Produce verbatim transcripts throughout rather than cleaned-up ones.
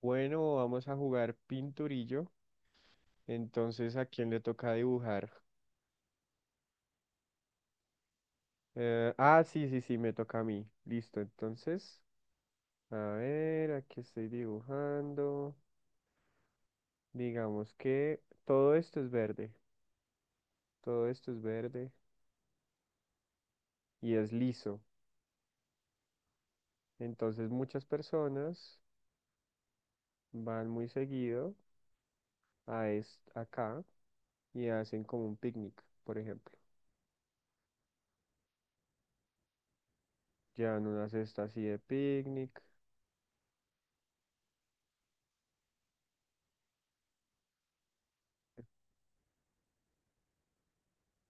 Bueno, vamos a jugar pinturillo. Entonces, ¿a quién le toca dibujar? Eh, ah, sí, sí, sí, me toca a mí. Listo, entonces, a ver, aquí estoy dibujando. Digamos que todo esto es verde, todo esto es verde y es liso. Entonces, muchas personas van muy seguido a es- acá y hacen como un picnic, por ejemplo. Llevan una cesta así de picnic.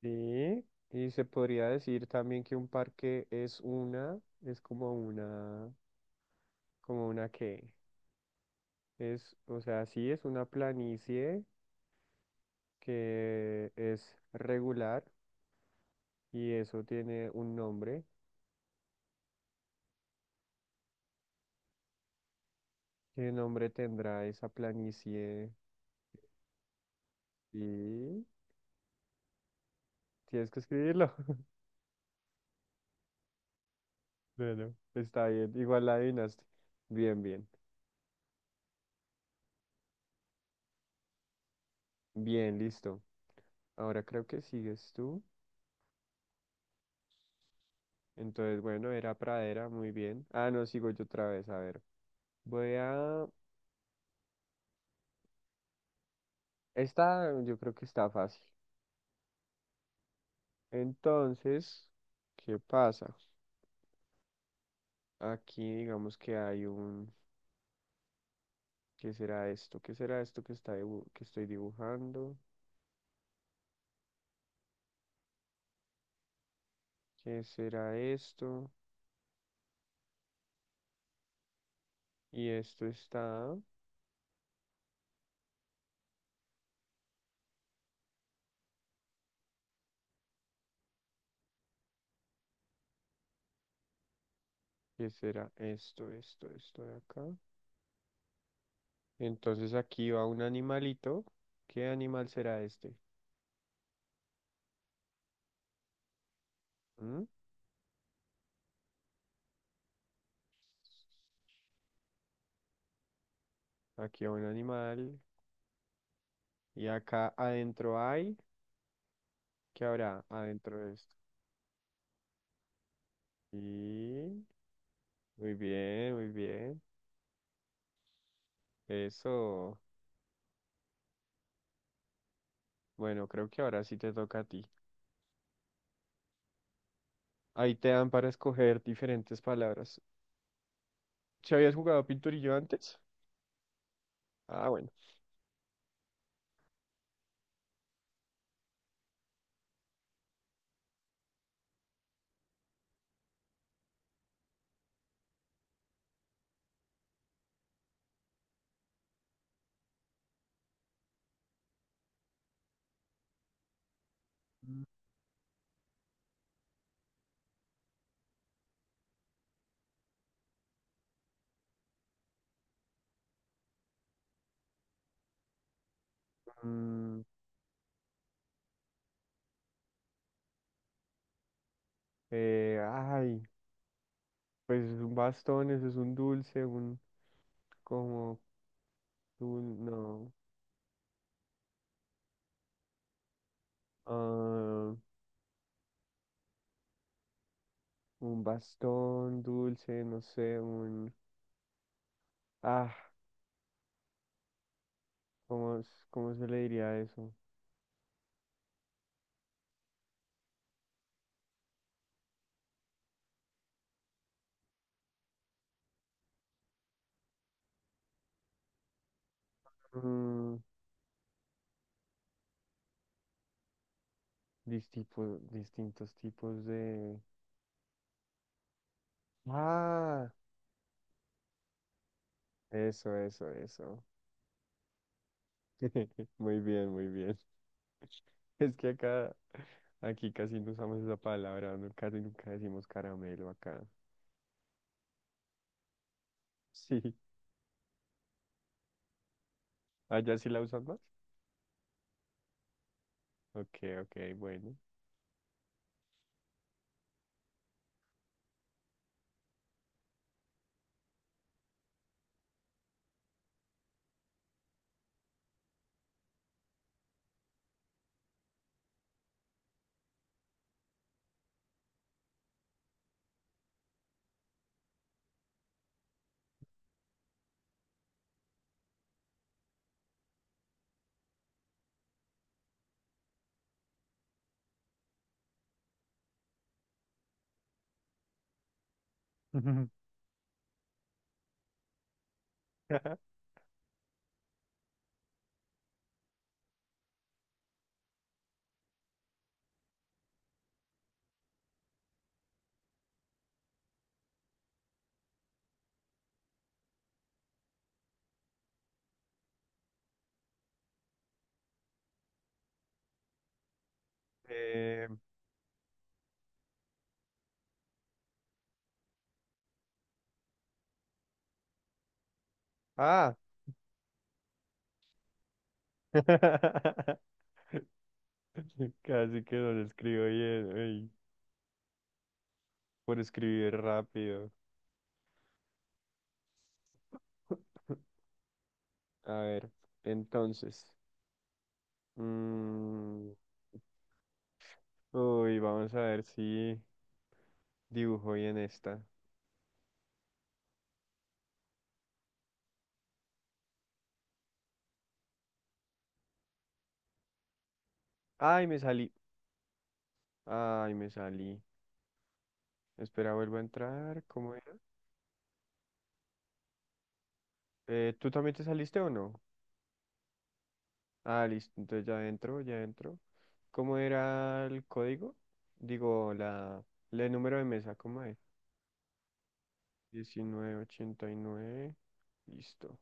Sí, y se podría decir también que un parque es una, es como una, como una que es, o sea, sí es una planicie que es regular y eso tiene un nombre. ¿Qué nombre tendrá esa planicie? Y tienes que escribirlo. Bueno, está bien, igual la adivinaste. Bien, bien, bien, listo. Ahora creo que sigues tú. Entonces, bueno, era pradera, muy bien. Ah, no, sigo yo otra vez, a ver. Voy a... Esta yo creo que está fácil. Entonces, ¿qué pasa? Aquí digamos que hay un... ¿Qué será esto? ¿Qué será esto que está dibu- que estoy dibujando? ¿Qué será esto? Y esto está... ¿Qué será esto, esto, esto de acá? Entonces aquí va un animalito. ¿Qué animal será este? ¿Mm? Aquí va un animal. Y acá adentro hay... ¿Qué habrá adentro de esto? Y... Muy bien, muy bien. Eso. Bueno, creo que ahora sí te toca a ti. Ahí te dan para escoger diferentes palabras. ¿Si habías jugado pinturillo antes? Ah, bueno. Mm, eh, ay, pues es un bastón, eso es un dulce, un como un no. Ah, un bastón, dulce, no sé, un ah, ¿cómo, es- cómo se le diría a eso? Mm, distipo- distintos tipos de. Ah, eso, eso, eso. Muy bien, muy bien. Es que acá, aquí casi no usamos esa palabra, no- casi nunca decimos caramelo acá. Sí, allá sí la usan más. Ok, ok, bueno. Eh, ah, casi que no lo escribo bien, ey, por escribir rápido. A ver, entonces, mm, uy, vamos a ver si dibujo bien esta. Ay, me salí. Ay, me salí. Espera, vuelvo a entrar. ¿Cómo era? Eh, ¿tú también te saliste o no? Ah, listo. Entonces ya entro, ya entro. ¿Cómo era el código? Digo, la, el número de mesa, ¿cómo es? Diecinueve ochenta y nueve. Listo,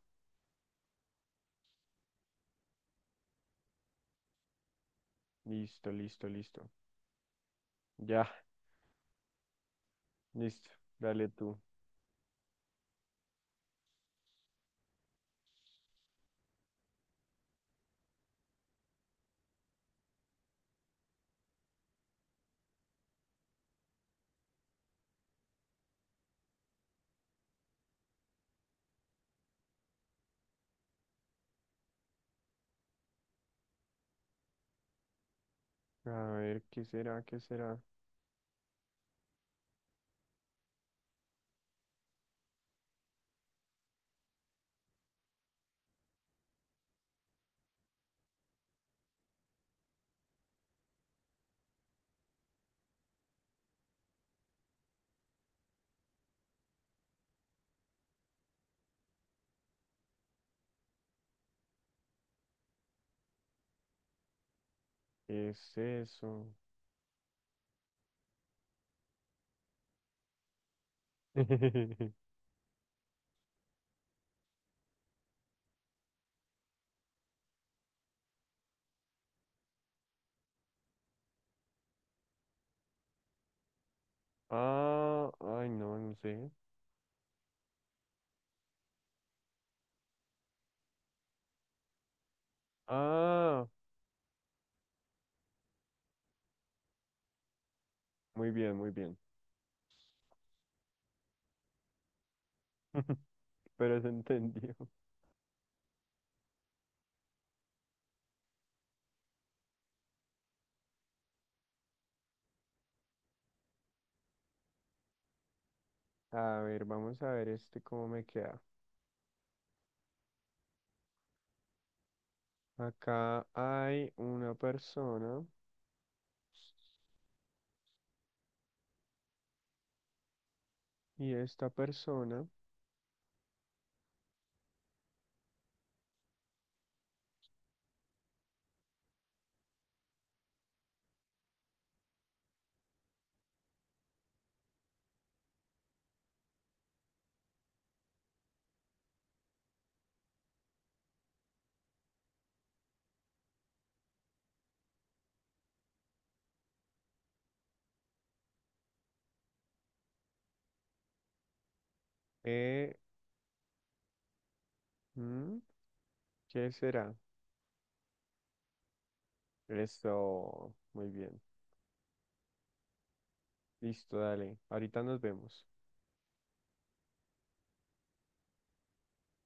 listo, listo, listo. Ya, listo. Dale tú. A ver, ¿qué será? ¿Qué será? ¿Qué es eso? Ah, ay, no, no sé. Ah, muy bien, muy bien. Pero se entendió. A ver, vamos a ver este cómo me queda. Acá hay una persona y esta persona, eh, mm, ¿qué será? Esto, muy bien. Listo, dale. Ahorita nos vemos.